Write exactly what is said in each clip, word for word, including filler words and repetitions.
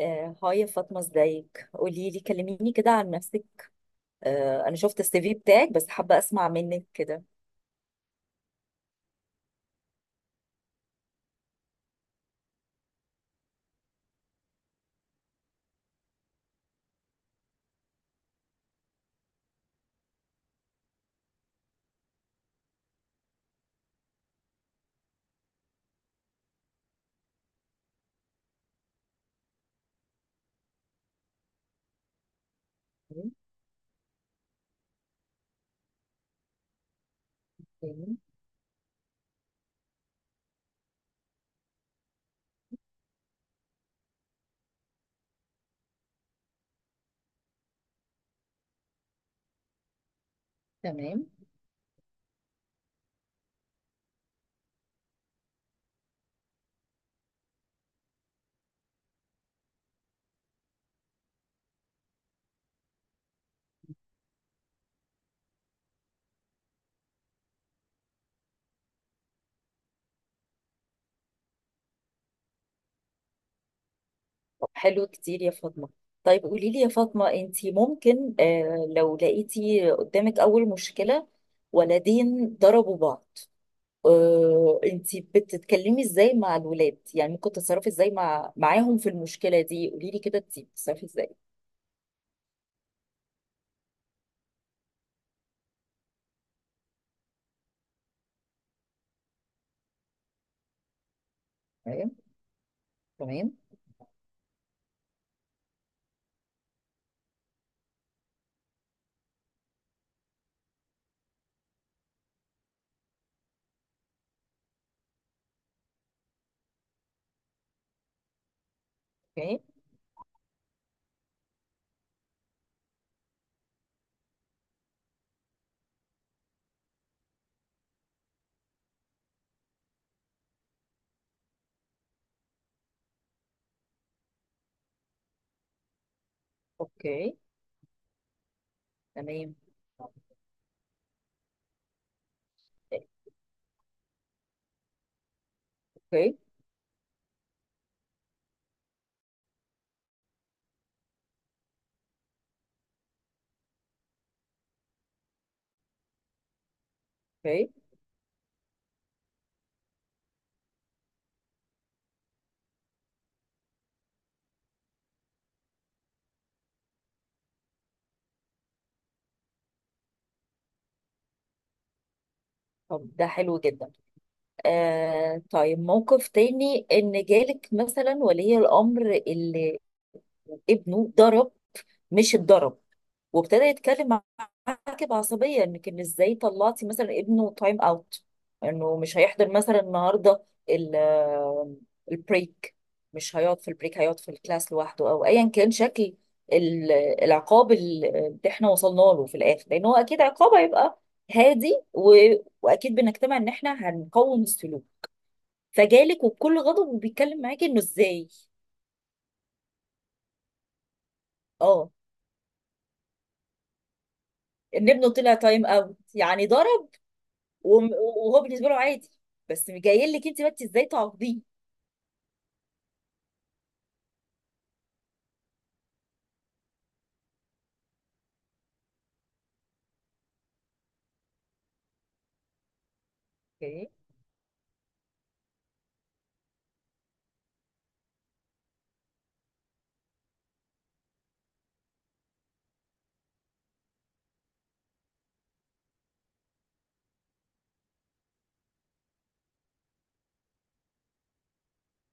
آه، هاي فاطمة، ازيك؟ قولي لي، كلميني كده عن نفسك. آه، انا شفت السي في بتاعك، بس حابة اسمع منك كده. تمام، تمام. طب حلو كتير يا فاطمة. طيب قولي لي يا فاطمة، انتي ممكن آه، لو لقيتي قدامك اول مشكلة، ولدين ضربوا بعض، آه، انتي بتتكلمي ازاي مع الولاد؟ يعني ممكن تتصرفي ازاي مع معاهم في المشكلة دي؟ قولي لي كده، انتي بتتصرفي ازاي؟ تمام، تمام. اوكي، اوكي. تمام. اوكي، اوكي. طب ده حلو جدا. آه طيب، موقف تاني ان جالك مثلا ولي الامر اللي ابنه ضرب، مش اتضرب، وابتدى يتكلم عواقب عصبية، انك ان ازاي طلعتي مثلا ابنه تايم اوت، انه مش هيحضر مثلا النهارده ال- البريك، مش هيقعد في البريك، هيقعد في الكلاس لوحده، او ايا كان شكل ال- العقاب ال- اللي احنا وصلنا له في الاخر، لان هو اكيد عقاب هيبقى هادي، و... واكيد بنجتمع ان احنا هنقوم السلوك، فجالك وبكل غضب وبيتكلم معاكي انه ازاي. اه، ان ابنه طلع تايم اوت يعني ضرب. وم- وهو بالنسبه له عادي، بس جاي لك انت بقى إنت ازاي تعاقبيه؟ اوكي.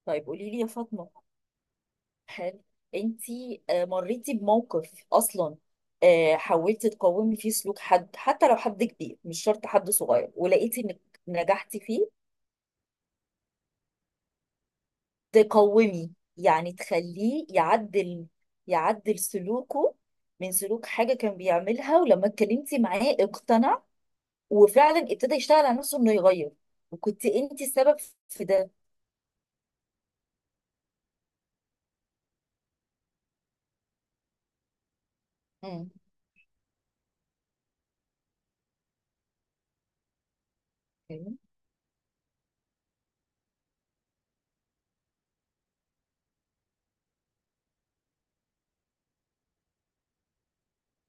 طيب قولي لي يا فاطمة، هل انتي آه، مريتي بموقف اصلا آه، حاولتي تقاومي فيه سلوك حد، حتى لو حد كبير، مش شرط حد صغير، ولقيتي انك نجحتي فيه؟ تقاومي يعني تخليه يعدل يعدل سلوكه، من سلوك حاجة كان بيعملها، ولما اتكلمتي معاه اقتنع وفعلا ابتدى يشتغل على نفسه انه يغير، وكنت انتي السبب في ده. امم. اوكي.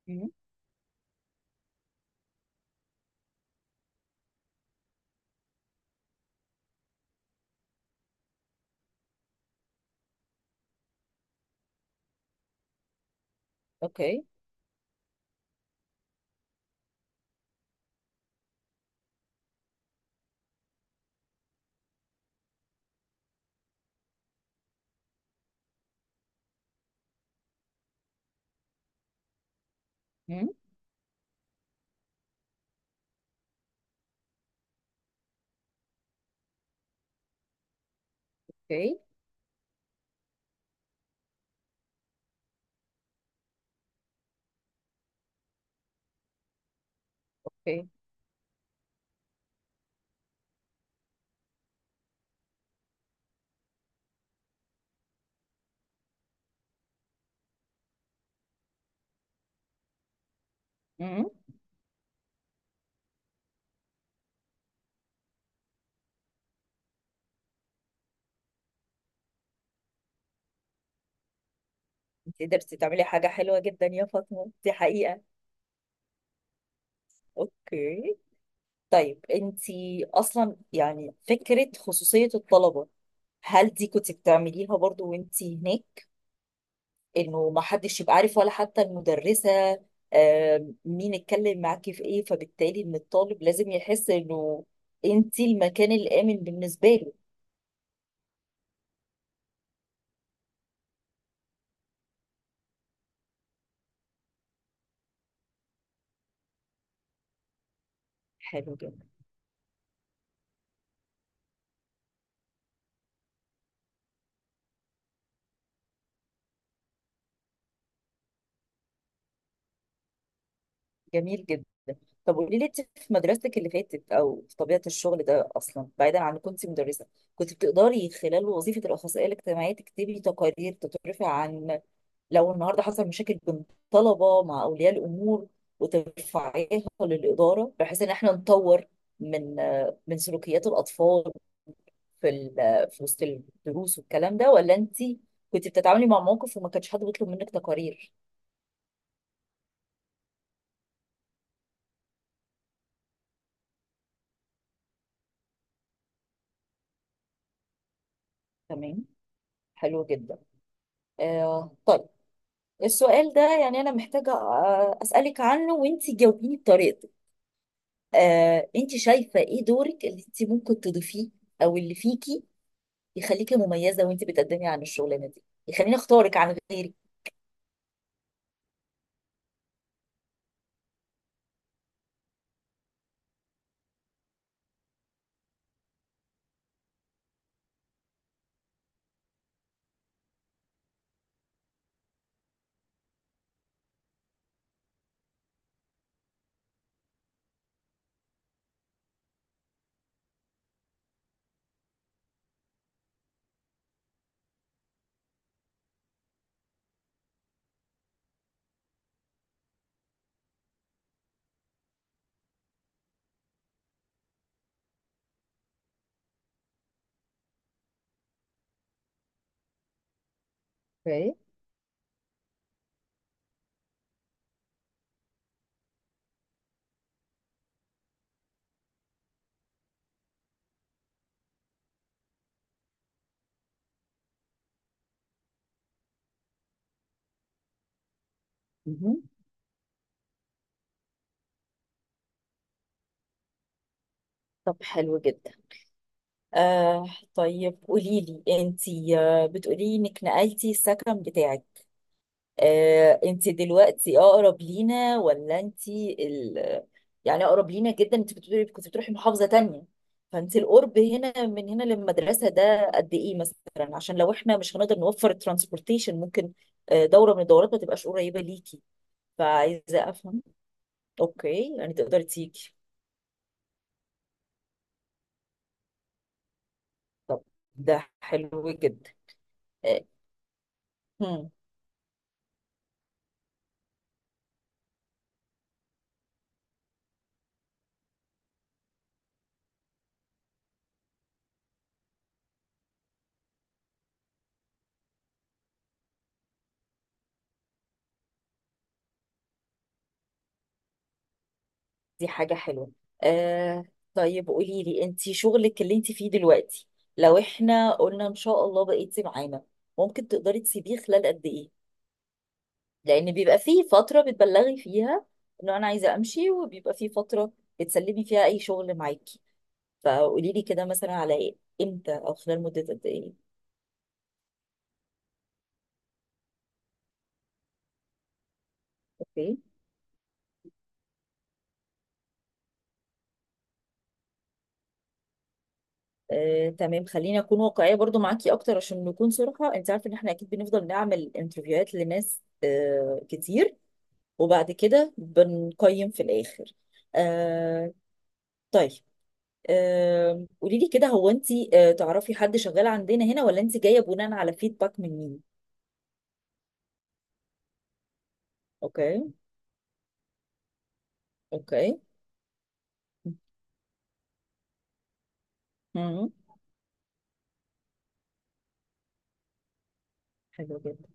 امم. اوكي. امم. اوكي. اوكي. مم. انت قدرتي تعملي حاجة حلوة جدا يا فاطمة، دي حقيقة. اوكي، طيب انت اصلا يعني فكرة خصوصية الطلبة، هل دي كنت بتعمليها برضو وانت هناك؟ انه ما حدش يبقى عارف، ولا حتى المدرسة، آم، مين اتكلم معاكي في ايه، فبالتالي ان الطالب لازم يحس انه انت المكان الآمن بالنسبة له. حلو جدا. جميل جدا. طب قولي لي، انت في مدرستك اللي فاتت او في طبيعه الشغل ده اصلا، بعيدا عن إنك كنت مدرسه، كنت بتقدري خلال وظيفه الاخصائيه الاجتماعيه تكتبي تقارير تترفع، عن لو النهارده حصل مشاكل بين طلبه مع اولياء الامور، وترفعيها للاداره، بحيث ان احنا نطور من من سلوكيات الاطفال في ال- في وسط الدروس والكلام ده؟ ولا انت كنت بتتعاملي مع موقف وما كانش حد بيطلب منك تقارير؟ تمام. حلو جدا. آه طيب، السؤال ده يعني أنا محتاجة آه، أسألك عنه، وأنتي جاوبيني بطريقتك. آه، أنتي شايفة إيه دورك اللي أنتي ممكن تضيفيه، أو اللي فيكي يخليكي مميزة وأنتي بتقدمي عن الشغلانة دي، يخليني أختارك عن غيرك؟ اوكي. مهم. طب حلو جدا. آه طيب قولي لي أنتي، آه، بتقولي إنك نقلتي السكن بتاعك. آه، انت دلوقتي اقرب لينا، ولا انت ال... يعني اقرب لينا جدا؟ انت بتقولي كنت بتروحي محافظة تانية، فانت القرب هنا من هنا للمدرسة ده قد ايه مثلا؟ عشان لو احنا مش هنقدر نوفر الترانسبورتيشن، ممكن آه، دورة من الدورات ما تبقاش قريبة ليكي، فعايزة افهم. اوكي، يعني تقدري تيجي. طب ده حلو جدا. آه، دي حاجة حلوة. آه طيب قولي لي انتي، شغلك اللي انتي فيه دلوقتي، لو احنا قلنا ان شاء الله بقيتي معانا، ممكن تقدري تسيبيه خلال قد ايه؟ لان بيبقى فيه فترة بتبلغي فيها ان انا عايزة امشي، وبيبقى فيه فترة بتسلمي فيها اي شغل معاكي، فقولي لي كده مثلا على ايه، امتى، او خلال مدة قد ايه. اوكي. آه، تمام. خليني اكون واقعيه برضو معاكي اكتر، عشان نكون صراحه، انت عارفه ان احنا اكيد بنفضل نعمل انترفيوهات لناس آه، كتير، وبعد كده بنقيم في الآخر. آه طيب، آه قولي لي كده، هو انت آه تعرفي حد شغال عندنا هنا، ولا انت جايه بناء على فيدباك من مين؟ اوكي. اوكي. مم. حلو جدا.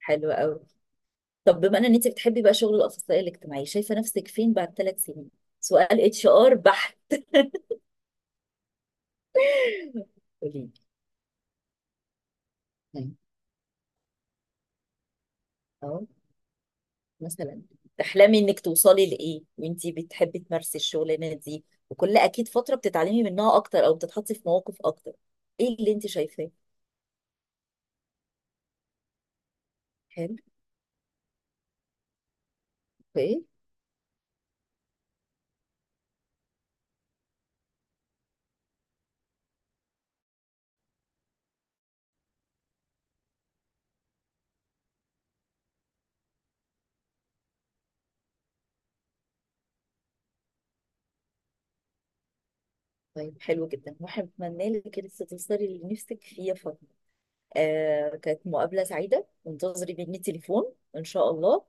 حلو قوي. طب بما ان انت بتحبي بقى شغل الاخصائي الاجتماعي، شايفه نفسك فين بعد ثلاث سنين؟ سؤال اتش ار بحت. قولي لي مثلا، تحلمي انك توصلي لايه وانتي بتحبي تمارسي الشغلانه دي؟ وكل اكيد فتره بتتعلمي منها اكتر، او بتتحطي في مواقف اكتر، ايه اللي انت شايفاه؟ حلو. ايه؟ طيب حلو جدا، واتمنى لك انك توصلي اللي نفسك فيه يا فاطمه. آه كانت مقابله سعيده، وانتظري مني تليفون ان شاء الله،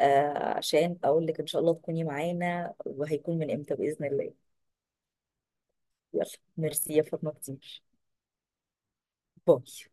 آه عشان اقول لك ان شاء الله تكوني معانا، وهيكون من امتى باذن الله. يلا، ميرسي يا فاطمه كتير. باي.